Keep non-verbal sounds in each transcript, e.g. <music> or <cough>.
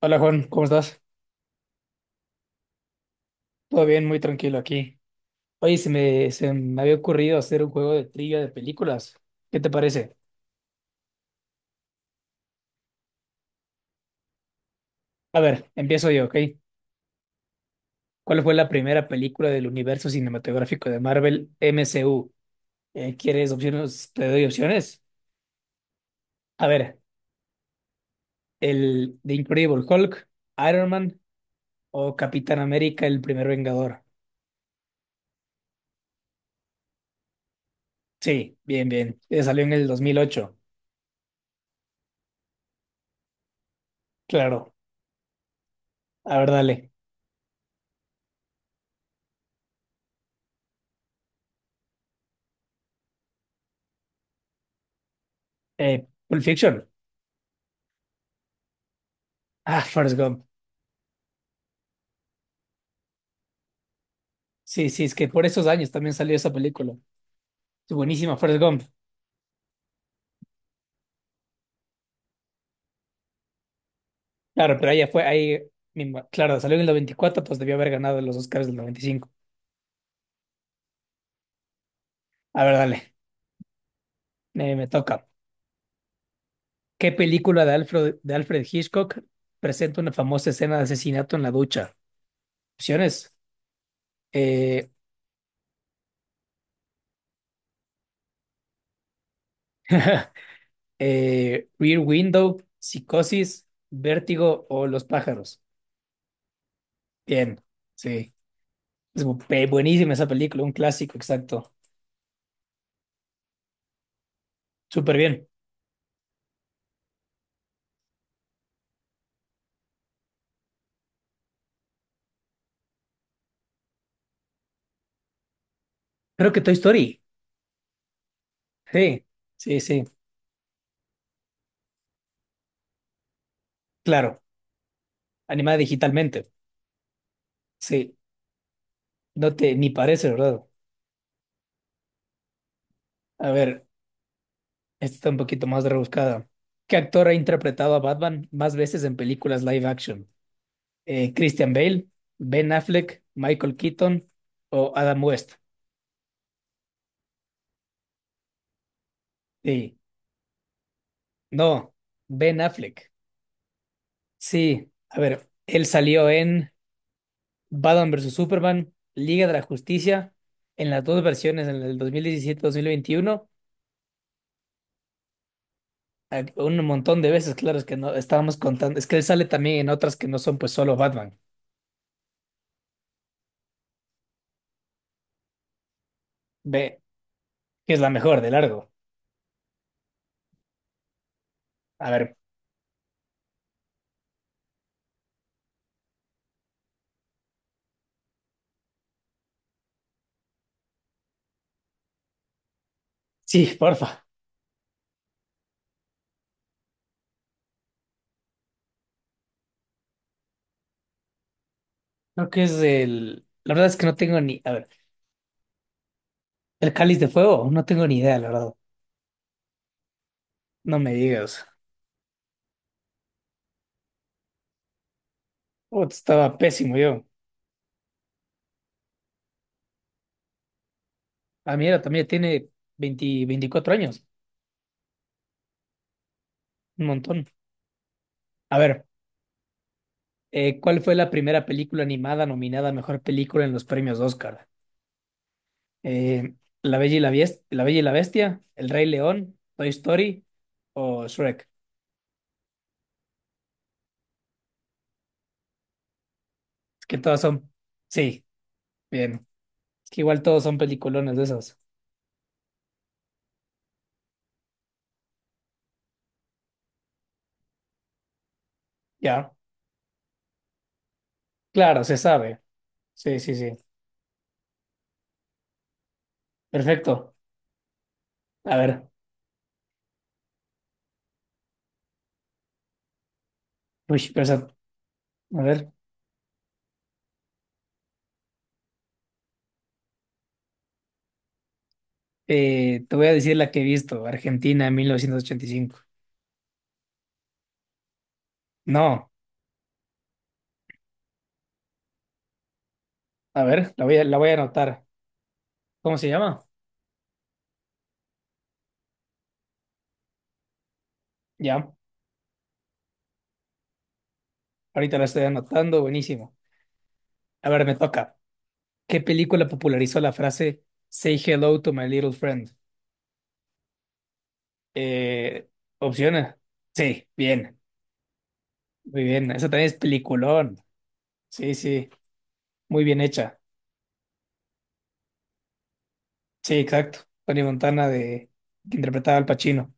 Hola Juan, ¿cómo estás? Todo bien, muy tranquilo aquí. Oye, se me había ocurrido hacer un juego de trivia de películas. ¿Qué te parece? A ver, empiezo yo, ¿ok? ¿Cuál fue la primera película del universo cinematográfico de Marvel MCU? ¿Quieres opciones? Te doy opciones. A ver, el The Incredible Hulk, Iron Man o Capitán América, el primer Vengador. Sí, bien, bien. Salió en el 2008. Claro. A ver, dale. Pulp Fiction. Ah, Forrest Gump. Sí, sí, es que por esos años también salió esa película. Es buenísima, Forrest Gump. Claro, pero ella fue ahí mismo. Claro, salió en el 94, pues debió haber ganado los Oscars del 95. A ver, dale, me toca. ¿Qué película de Alfred Hitchcock presenta una famosa escena de asesinato en la ducha? Opciones: eh, <laughs> Rear Window, Psicosis, Vértigo o Los pájaros. Bien, sí. Es bu- pe- buenísima esa película, un clásico, exacto. Súper bien. Creo que Toy Story. Sí, sí, sí, claro, animada digitalmente. Sí, no te ni parece, ¿verdad? A ver, esta está un poquito más rebuscada. ¿Qué actor ha interpretado a Batman más veces en películas live action? ¿Christian Bale, Ben Affleck, Michael Keaton o Adam West? Sí, no, Ben Affleck. Sí, a ver, él salió en Batman vs. Superman, Liga de la Justicia, en las dos versiones, en el dos mil diecisiete mil veintiuno. A- un montón de veces, claro, es que no estábamos contando. Es que él sale también en otras que no son pues solo Batman. Ve, que es la mejor de largo. A ver, sí, porfa. Creo que es el. La verdad es que no tengo ni. A ver, el Cáliz de Fuego, no tengo ni idea, la verdad. No me digas. Putz, estaba pésimo yo. Ah, mira, también tiene 20 24 años. Un montón. A ver, ¿cuál fue la primera película animada nominada a mejor película en los premios Oscar? Eh, La Bella y la Bies- La Bella y la Bestia, El Rey León, Toy Story o Shrek. Es que todas son. Sí, bien. Es que igual todos son peliculones de esos. Ya, claro, se sabe. Sí, sí, sí. Perfecto. A ver. Uy, pero esa- a ver. Te voy a decir la que he visto. Argentina, 1985. No. A ver, la voy a anotar. ¿Cómo se llama? Ya. Ahorita la estoy anotando. Buenísimo. A ver, me toca. ¿Qué película popularizó la frase Say hello to my little friend? Eh, opciones. Sí, bien, muy bien. Esa también es peliculón. Sí, sí, muy bien hecha. Sí, exacto. Tony Montana de que interpretaba al Pacino.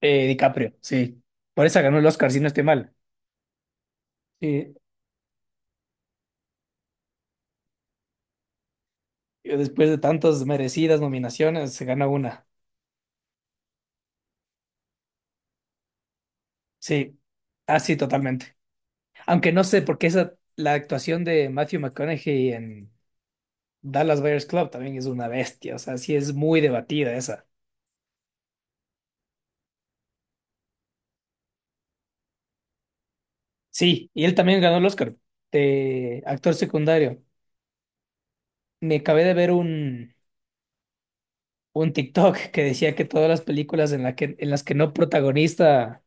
DiCaprio, sí. Por esa ganó el Oscar, si no estoy mal. Sí, y después de tantas merecidas nominaciones, se gana una. Sí, así totalmente. Aunque no sé por qué esa, la actuación de Matthew McConaughey en Dallas Buyers Club también es una bestia, o sea, sí es muy debatida esa. Sí, y él también ganó el Oscar de actor secundario. Me acabé de ver un TikTok que decía que todas las películas en, la que, en las que no protagonista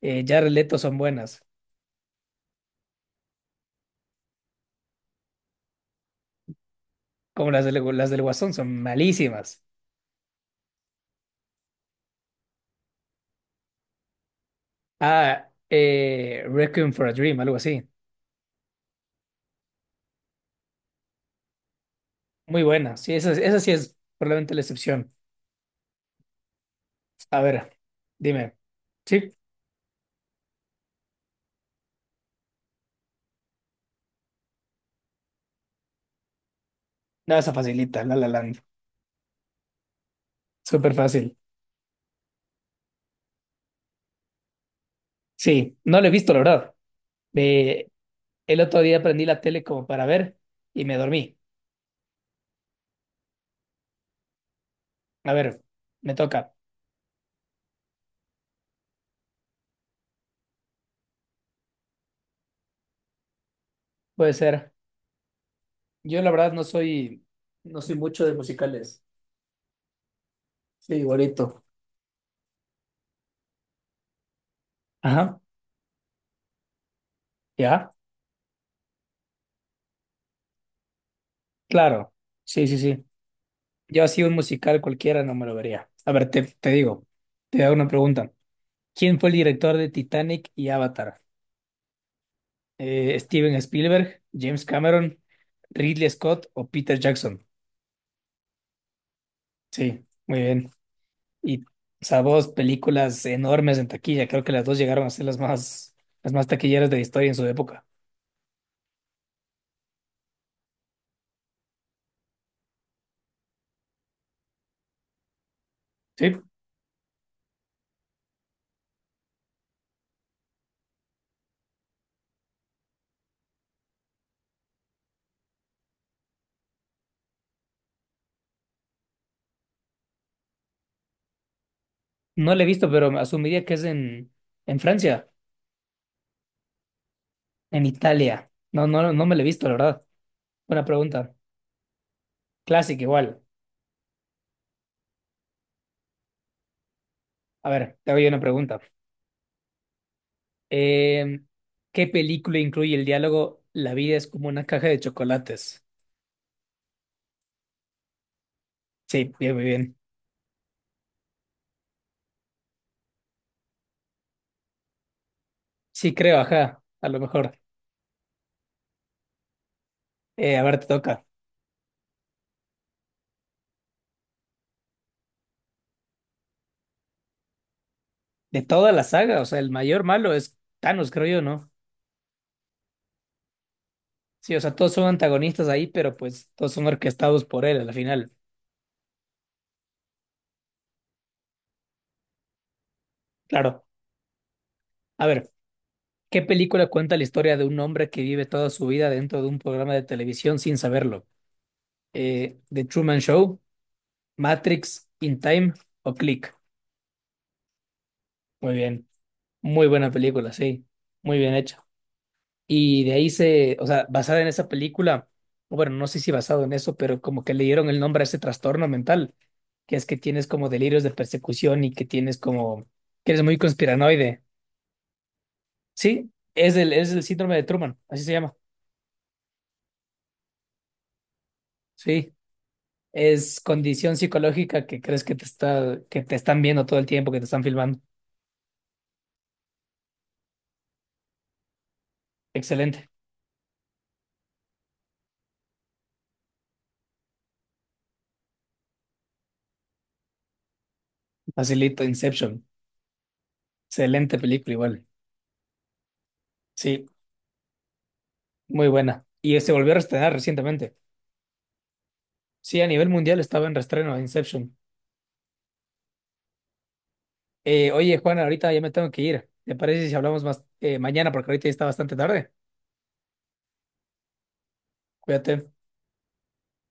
Jared Leto son buenas, como las del Guasón son malísimas. Ah, Requiem for a Dream, algo así. Muy buena, sí, esa sí es probablemente la excepción. A ver, dime. Sí, no, esa facilita, La La Land, súper fácil. Sí, no lo he visto, la verdad. Eh, el otro día prendí la tele como para ver y me dormí. A ver, me toca. Puede ser. Yo la verdad no soy mucho de musicales. Sí, igualito. Ajá, ya, claro. Sí, sí, sí. Yo así un musical cualquiera no me lo vería. A ver, te digo, te hago una pregunta. ¿Quién fue el director de Titanic y Avatar? ¿Steven Spielberg, James Cameron, Ridley Scott o Peter Jackson? Sí, muy bien. Y, o sea, dos películas enormes en taquilla. Creo que las dos llegaron a ser las más taquilleras de la historia en su época. Sí. No la he visto, pero asumiría que es en Francia, en Italia. No, no, no me la he visto, la verdad. Buena pregunta. Clásica igual. A ver, te hago yo una pregunta. Eh, ¿Qué película incluye el diálogo La vida es como una caja de chocolates? Sí, bien, muy bien. Sí, creo, ajá, a lo mejor. A ver, te toca. De toda la saga, o sea, el mayor malo es Thanos, creo yo, ¿no? Sí, o sea, todos son antagonistas ahí, pero pues todos son orquestados por él al final. Claro. A ver, ¿qué película cuenta la historia de un hombre que vive toda su vida dentro de un programa de televisión sin saberlo? The Truman Show, Matrix, In Time o Click. Muy bien. Muy buena película, sí. Muy bien hecha. Y de ahí o sea, basada en esa película, o bueno, no sé si basado en eso, pero como que le dieron el nombre a ese trastorno mental, que es que tienes como delirios de persecución y que tienes como, que eres muy conspiranoide. Sí, es el síndrome de Truman, así se llama. Sí, es condición psicológica que crees que te está, que te están viendo todo el tiempo, que te están filmando. Excelente. Facilito, Inception. Excelente película igual. Sí, muy buena. Y se volvió a estrenar recientemente. Sí, a nivel mundial estaba en reestreno Inception. Oye, Juana, ahorita ya me tengo que ir. ¿Te parece si hablamos más mañana? Porque ahorita ya está bastante tarde. Cuídate.